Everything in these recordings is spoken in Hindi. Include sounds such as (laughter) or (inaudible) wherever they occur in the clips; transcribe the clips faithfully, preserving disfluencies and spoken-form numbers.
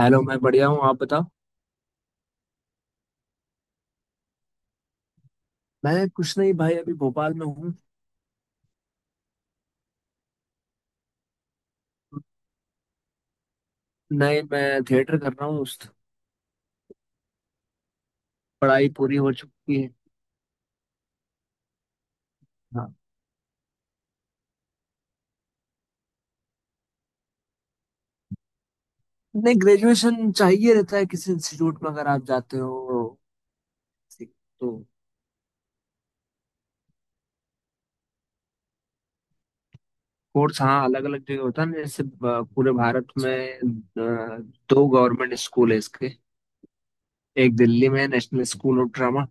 हेलो। मैं बढ़िया हूँ। आप बताओ। मैं कुछ नहीं भाई, अभी भोपाल में हूँ। नहीं, मैं थिएटर कर रहा हूँ उस- पढ़ाई पूरी हो चुकी है। हाँ। नहीं, ग्रेजुएशन चाहिए रहता है किसी इंस्टीट्यूट में अगर आप जाते हो तो। कोर्स, हाँ, अलग अलग जगह होता है ना, जैसे अ, पूरे भारत में अ, दो गवर्नमेंट स्कूल है इसके। एक दिल्ली में है, नेशनल स्कूल ऑफ ड्रामा।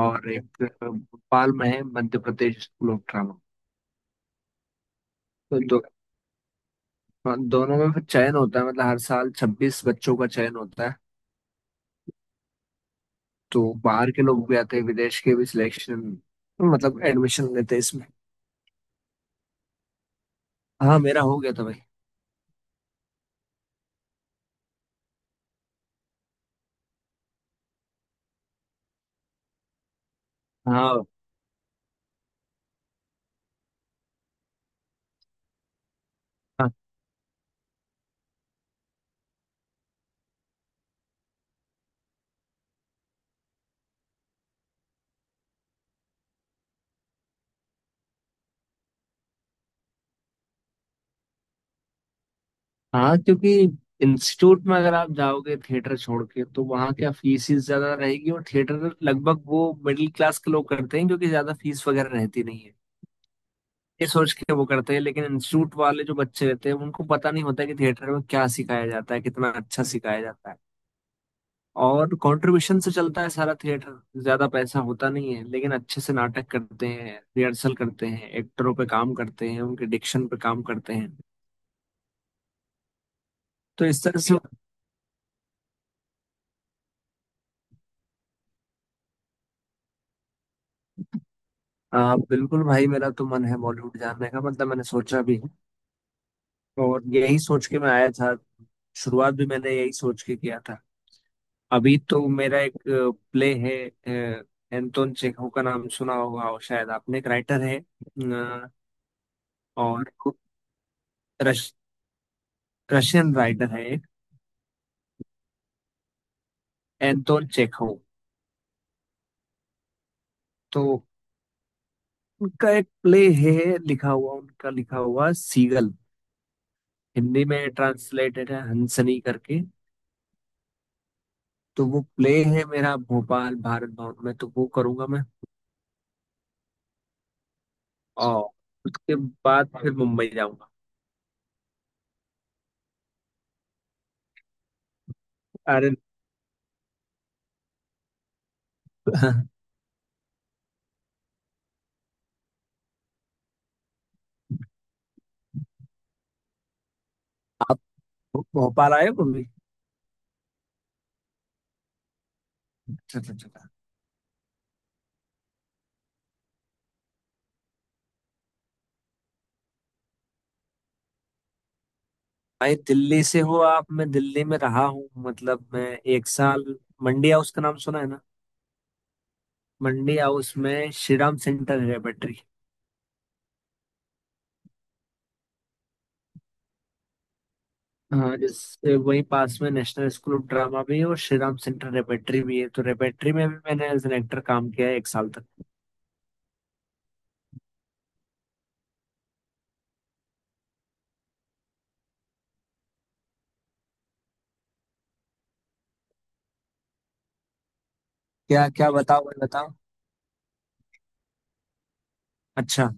और एक अ, भोपाल में है, Madhya Pradesh school of drama. तो दो, हाँ, दोनों में फिर चयन होता है, मतलब हर साल छब्बीस बच्चों का चयन होता है। तो बाहर के लोग भी आते हैं, विदेश के भी सिलेक्शन मतलब एडमिशन लेते हैं इसमें। हाँ, मेरा हो गया था भाई। हाँ, हाँ, हाँ, क्योंकि इंस्टीट्यूट में अगर आप जाओगे थिएटर छोड़ के तो वहाँ क्या फीस ही ज्यादा रहेगी, और थिएटर लगभग वो मिडिल क्लास के लोग करते हैं क्योंकि ज्यादा फीस वगैरह रहती नहीं है। ये सोच के वो करते हैं, लेकिन इंस्टीट्यूट वाले जो बच्चे रहते हैं उनको पता नहीं होता कि थिएटर में क्या सिखाया जाता है, कितना अच्छा सिखाया जाता है। और कंट्रीब्यूशन से चलता है सारा थिएटर, ज्यादा पैसा होता नहीं है, लेकिन अच्छे से नाटक करते हैं, रिहर्सल करते हैं, एक्टरों पे काम करते हैं, उनके डिक्शन पे काम करते हैं। तो इस तरह से। आ, बिल्कुल भाई, मेरा तो मन है बॉलीवुड जाने का, मतलब मैंने सोचा भी है। और यही सोच के मैं आया था। शुरुआत भी मैंने यही सोच के किया था। अभी तो मेरा एक प्ले है। अ, एंटोन चेखव का नाम सुना होगा, और शायद आपने, एक राइटर है अ, और रश, रशियन राइटर है एक, एंटोन चेखव। तो उनका एक प्ले है लिखा हुआ, उनका लिखा हुआ सीगल। हिंदी में ट्रांसलेटेड है हंसनी करके। तो वो प्ले है मेरा भोपाल भारत भवन में, तो वो करूंगा मैं। और उसके बाद फिर मुंबई जाऊंगा। अरे। (laughs) आप भोपाल आए हो कभी? अच्छा, अच्छा, अच्छा। भाई दिल्ली से हो आप? मैं दिल्ली में रहा हूँ, मतलब मैं एक साल। मंडी हाउस का नाम सुना है ना? मंडी हाउस में श्रीराम सेंटर है, बैटरी। हाँ, जैसे वही पास में नेशनल स्कूल ऑफ ड्रामा भी है और श्री राम सेंटर रेपेट्री भी है, तो रेपेट्री में भी मैंने एज एन एक्टर काम किया है एक साल तक। क्या क्या बताओ भाई, बताओ। अच्छा।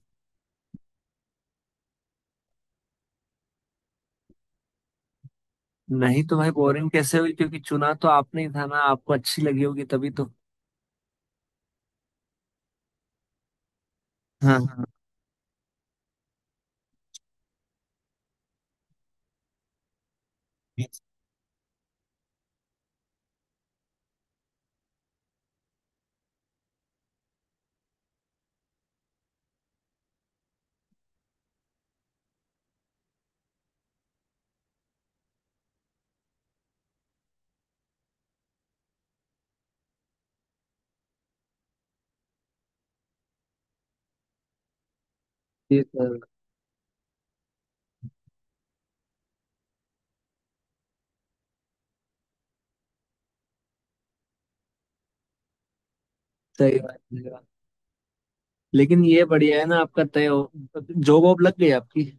नहीं तो भाई बोरिंग कैसे हुई, क्योंकि चुना तो आपने ही था ना, आपको अच्छी लगी होगी तभी तो। हाँ, हाँ, ये तो सही बात है। लेकिन ये बढ़िया है ना, आपका तय हो, जॉब वॉब लग गई आपकी।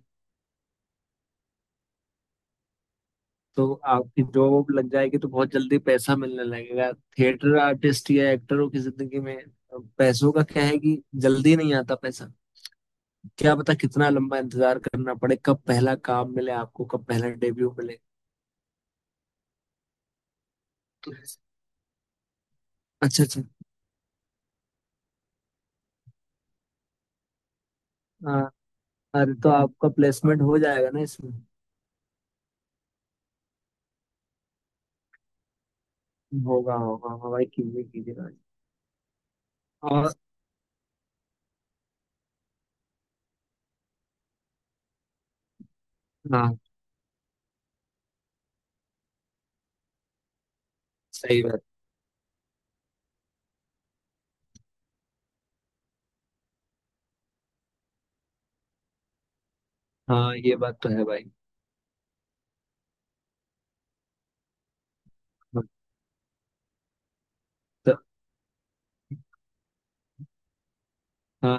तो आपकी जॉब लग जाएगी तो बहुत जल्दी पैसा मिलने लगेगा। थिएटर आर्टिस्ट या एक्टरों की जिंदगी में पैसों का क्या है कि जल्दी नहीं आता पैसा। क्या पता कितना लंबा इंतजार करना पड़े, कब पहला काम मिले आपको, कब पहला डेब्यू मिले। तो अच्छा, अच्छा। हाँ। अरे तो आपका प्लेसमेंट हो जाएगा ना इसमें? होगा होगा, हाँ भाई, कीजिए कीजिए भाई। और, हाँ, सही बात। हाँ, ये बात तो है भाई। हाँ, तो हाँ,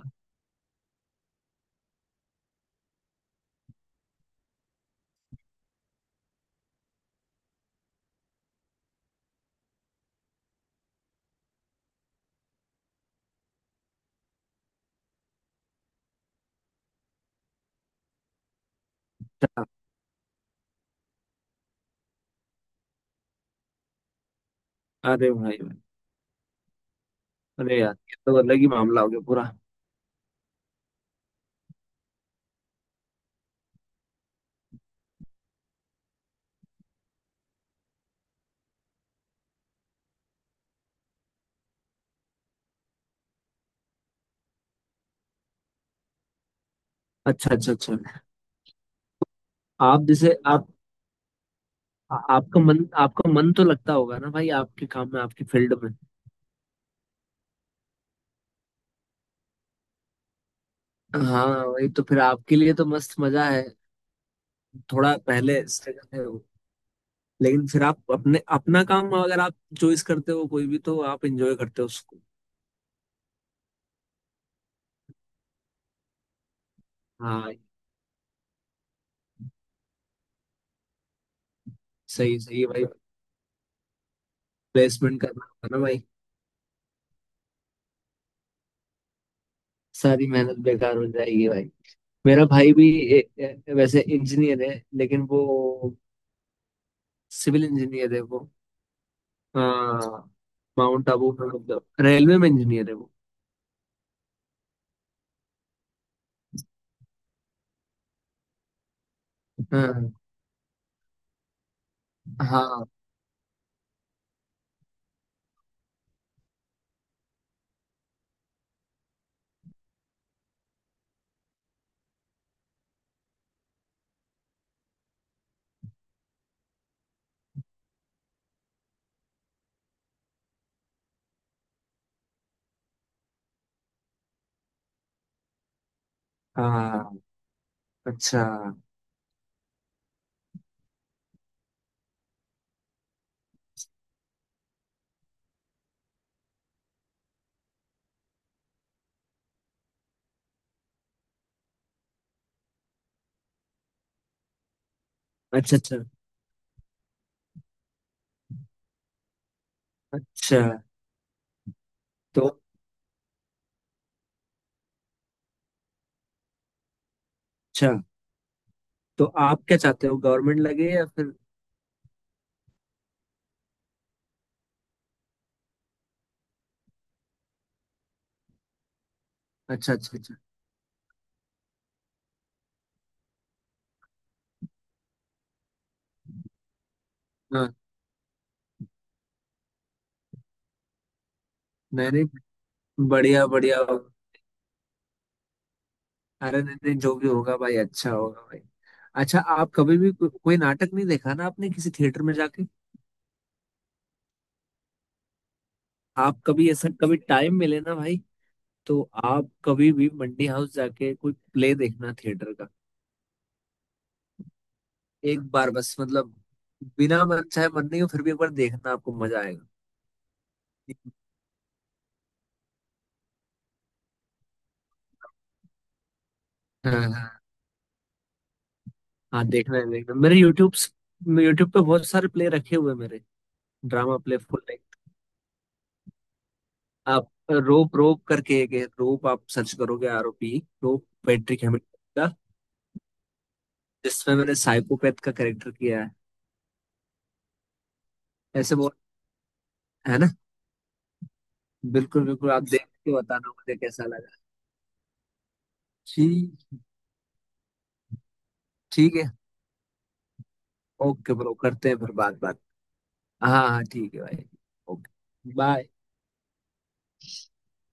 हाँ। अरे भाई भाई, अरे यार ये तो अलग ही मामला हो गया पूरा। अच्छा, अच्छा, अच्छा। आप जैसे आप आ- आपका मन आपका मन तो लगता होगा ना भाई, आपके काम में, आपकी फील्ड में। हाँ वही तो, फिर आपके लिए तो मस्त मजा है। थोड़ा पहले स्ट्रगल है वो, लेकिन फिर आप अपने अपना काम, अगर आप चॉइस करते हो कोई भी, तो आप एंजॉय करते हो उसको। हाँ सही सही है भाई। प्लेसमेंट करना होगा ना भाई। सारी मेहनत बेकार हो जाएगी भाई। मेरा भाई भी ए, ए, वैसे इंजीनियर है, लेकिन वो सिविल इंजीनियर है वो। हाँ। माउंट आबू में मतलब रेलवे में इंजीनियर है वो। हाँ, हाँ, हाँ। अच्छा, अच्छा, अच्छा। अच्छा। तो, अच्छा, तो आप क्या चाहते हो, गवर्नमेंट लगे या फिर? अच्छा, अच्छा, अच्छा। हाँ। नहीं नहीं, बढ़िया बढ़िया। अरे नहीं नहीं, जो भी होगा भाई, अच्छा होगा भाई। अच्छा, आप कभी भी को, कोई नाटक नहीं देखा ना आपने किसी थिएटर में जाके? आप कभी, ऐसा कभी टाइम मिले ना भाई, तो आप कभी भी मंडी हाउस जाके कोई प्ले देखना, थिएटर। एक बार बस, मतलब बिना मन चाहे, मन नहीं हो फिर भी एक बार देखना, आपको मजा आएगा। हाँ, हाँ, हाँ, देखना है देखना है। मेरे यूट्यूब यूट्यूब पे बहुत सारे प्ले रखे हुए हैं मेरे। Drama play full like. आप रोप रोप करके एक है रोप, आप सर्च करोगे R O P rope, Patrick Hamilton का, जिसमें मैंने साइकोपैथ का कैरेक्टर किया है। ऐसे बहुत है ना। बिल्कुल बिल्कुल, आप देख के बताना मुझे कैसा लगा। ठीक, ठीक है। ओके ब्रो, करते हैं फिर बात बात हाँ हाँ ठीक है भाई। Okay bye.